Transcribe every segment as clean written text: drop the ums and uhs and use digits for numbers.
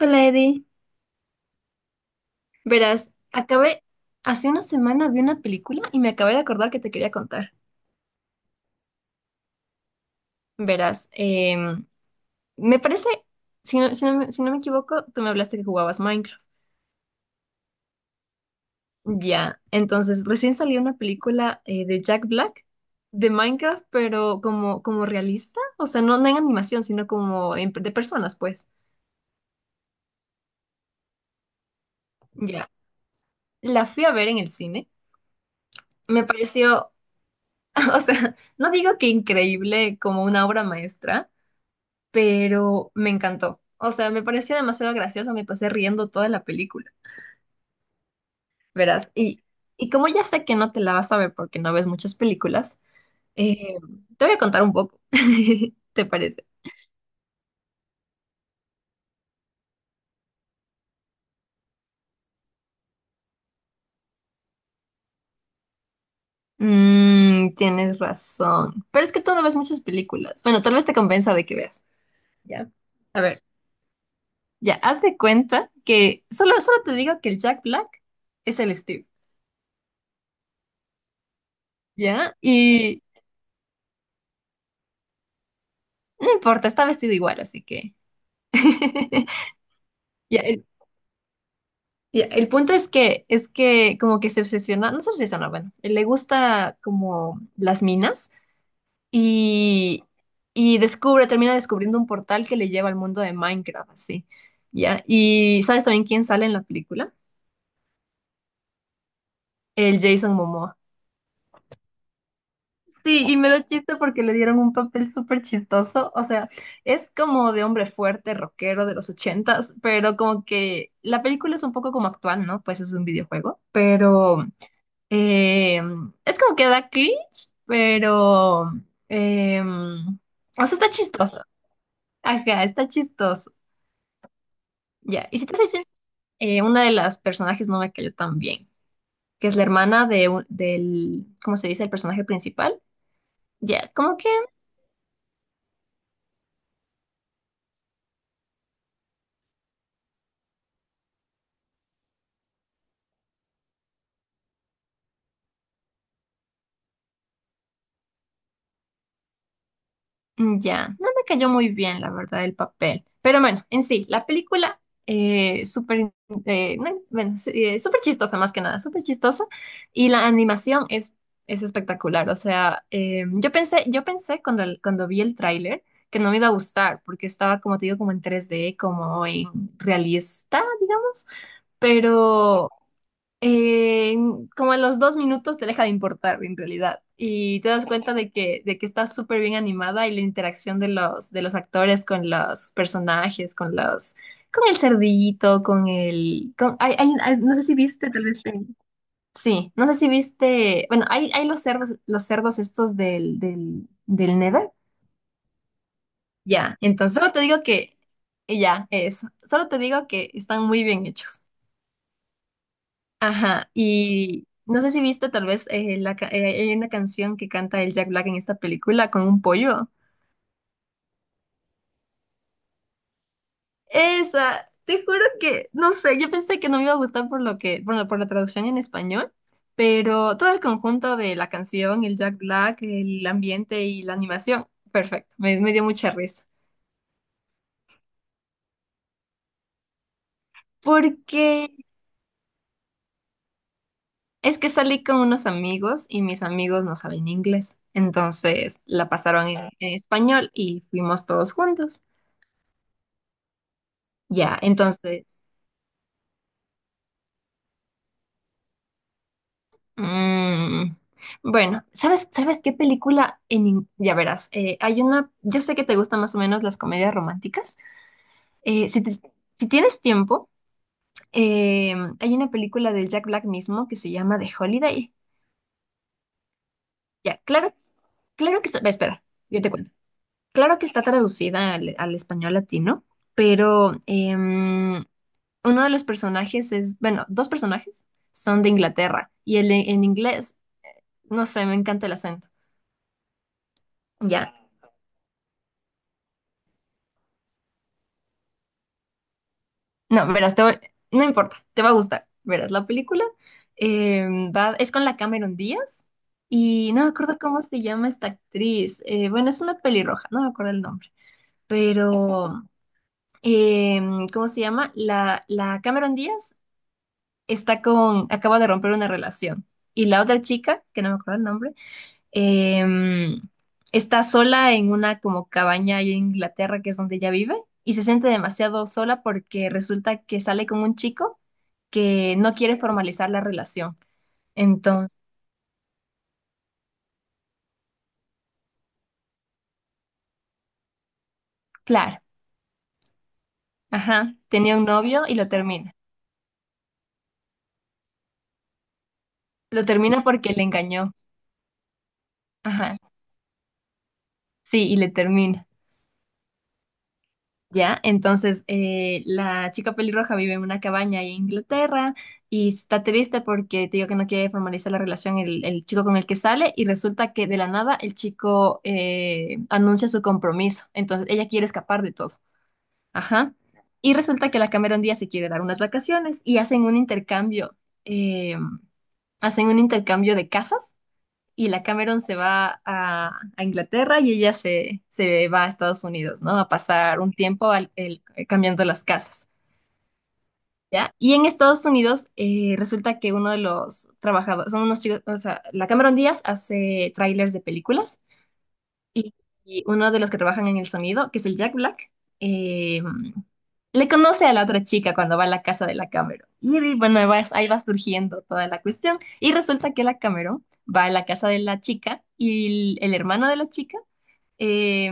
Hola Eddie, verás, hace una semana vi una película y me acabé de acordar que te quería contar. Verás, me parece, si no me equivoco, tú me hablaste que jugabas Minecraft. Ya, entonces recién salió una película de Jack Black de Minecraft, pero como realista, o sea, no en animación, sino de personas, pues. Ya, la fui a ver en el cine, me pareció, o sea, no digo que increíble como una obra maestra, pero me encantó. O sea, me pareció demasiado gracioso, me pasé riendo toda la película, verás. Y como ya sé que no te la vas a ver porque no ves muchas películas, eh, te voy a contar un poco. ¿Te parece? Mm, tienes razón. Pero es que tú no ves muchas películas. Bueno, tal vez te compensa de que veas. Ya. A ver, ya, haz de cuenta que solo te digo que el Jack Black es el Steve. ¿Ya? Y no importa, está vestido igual, así que. Ya, el- Y el punto es que como que se obsesiona, no se obsesiona, bueno, le gusta como las minas y, y descubre, termina descubriendo un portal que le lleva al mundo de Minecraft, así, ¿ya? Y ¿sabes también quién sale en la película? El Jason Momoa. Sí, y me da chiste porque le dieron un papel súper chistoso, o sea, es como de hombre fuerte, rockero de los 80s, pero como que la película es un poco como actual, ¿no? Pues es un videojuego, pero... Eh, es como que da cringe, pero... o sea, está chistoso. Ajá, está chistoso. Ya, y si te soy sincera, una de las personajes no me cayó tan bien, que es la hermana del, ¿cómo se dice? El personaje principal. Ya, como que Mm, ya, no me cayó muy bien, la verdad, el papel. Pero bueno, en sí, la película, súper, no, bueno, sí, súper chistosa más que nada, súper chistosa. Y la animación es espectacular. O sea, yo pensé cuando vi el tráiler que no me iba a gustar, porque estaba, como te digo, como en 3D como en realista, digamos. Pero eh, como a los 2 minutos te deja de importar en realidad y te das cuenta de que está súper bien animada y la interacción de los actores con los personajes, con el cerdito, con el, con, hay- hay- hay- no sé si viste tal vez, sí, no sé si viste, bueno, hay los cerdos estos del Nether, ya. Entonces solo te digo que, y ya, eso, solo te digo que están muy bien hechos. Ajá, y no sé si viste tal vez hay una canción que canta el Jack Black en esta película con un pollo. Esa, te juro que, no sé, yo pensé que no me iba a gustar por lo que, bueno, por la traducción en español, pero todo el conjunto de la canción, el Jack Black, el ambiente y la animación, perfecto, me dio mucha risa. Porque es que salí con unos amigos y mis amigos no saben inglés, entonces la pasaron en español y fuimos todos juntos. Ya, entonces Mm, bueno, ¿sabes qué película ya verás, hay una... Yo sé que te gustan más o menos las comedias románticas. Eh, si, te- si tienes tiempo, eh, hay una película del Jack Black mismo que se llama The Holiday. Ya, claro, claro que... espera, yo te cuento. Claro que está traducida al español latino, pero uno de los personajes es... Bueno, dos personajes son de Inglaterra y el en inglés, no sé, me encanta el acento. Ya, no, verás, no importa, te va a gustar. Verás, la película eh, va, es con la Cameron Díaz y no me acuerdo cómo se llama esta actriz. Bueno, es una pelirroja, no me acuerdo el nombre. Pero, eh, ¿cómo se llama? La, la Cameron Díaz está acaba de romper una relación y la otra chica, que no me acuerdo el nombre, em, está sola en una como cabaña ahí en Inglaterra, que es donde ella vive, y se siente demasiado sola porque resulta que sale con un chico que no quiere formalizar la relación. Entonces, claro, ajá, tenía un novio y lo termina. Lo termina porque le engañó. Ajá, sí, y le termina. ¿Ya? Entonces, la chica pelirroja vive en una cabaña ahí en Inglaterra y está triste porque te digo que no quiere formalizar la relación el chico con el que sale y resulta que de la nada el chico anuncia su compromiso. Entonces, ella quiere escapar de todo. Ajá. Y resulta que la Cameron Díaz se quiere dar unas vacaciones y eh, hacen un intercambio de casas y la Cameron se va a Inglaterra y ella se va a Estados Unidos, ¿no? A pasar un tiempo cambiando las casas, ¿ya? Y en Estados Unidos resulta que uno de los trabajadores, son unos chicos, o sea, la Cameron Díaz hace trailers de películas y, y uno de los que trabajan en el sonido, que es el Jack Black, eh, le conoce a la otra chica cuando va a la casa de la Cameron. Y bueno, ahí va surgiendo toda la cuestión. Y resulta que la Cameron va a la casa de la chica y el hermano de la chica, eh,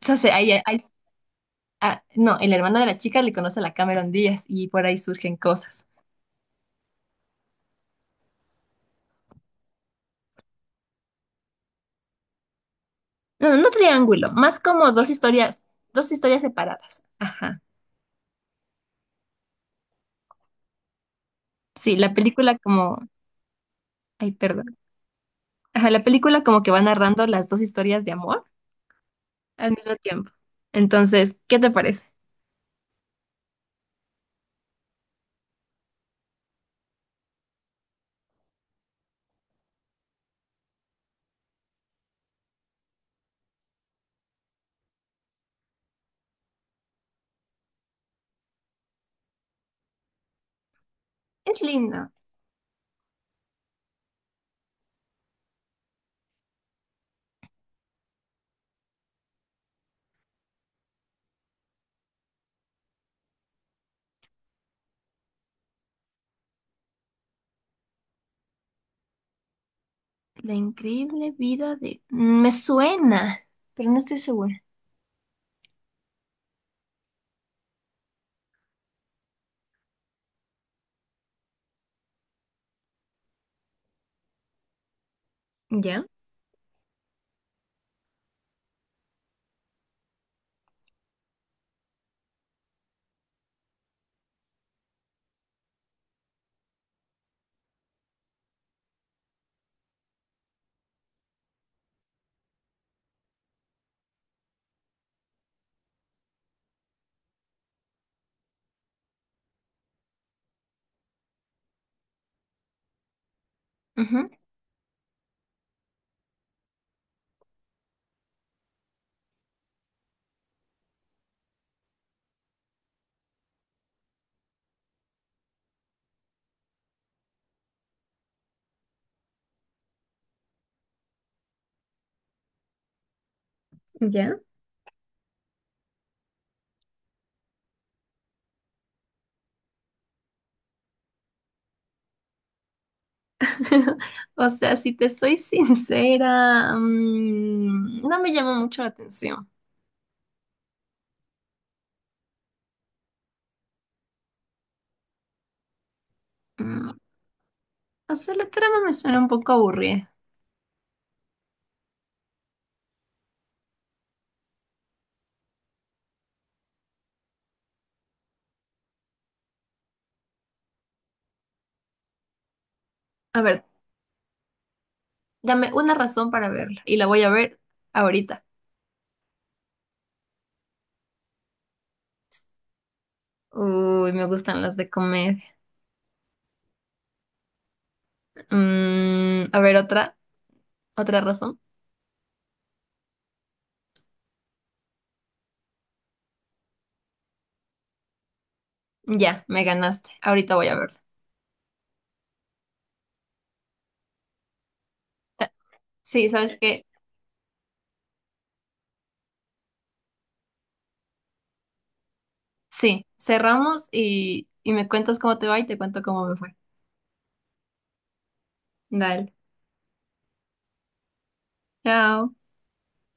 se hace- ahí- ahí- ah, no, el hermano de la chica le conoce a la Cameron Díaz y por ahí surgen cosas. No, no triángulo, más como dos historias separadas. Ajá. Sí, la película como... Ay, perdón. Ajá, la película como que va narrando las dos historias de amor al mismo tiempo. Entonces, ¿qué te parece? Es linda. La increíble vida de... Me suena, pero no estoy segura. ¿Ya? Ujú, ¿ya? O sea, si te soy sincera, no me llama mucho la atención. Mm, o sea, la trama me suena un poco aburrida. A ver, dame una razón para verla y la voy a ver ahorita. Uy, me gustan las de comedia. Mm, a ver, otra. ¿Otra razón? Ya, me ganaste. Ahorita voy a verlo. Eh, Sí, ¿sabes qué? Sí, cerramos y me cuentas cómo te va y te cuento cómo me fue. Dale. Chao.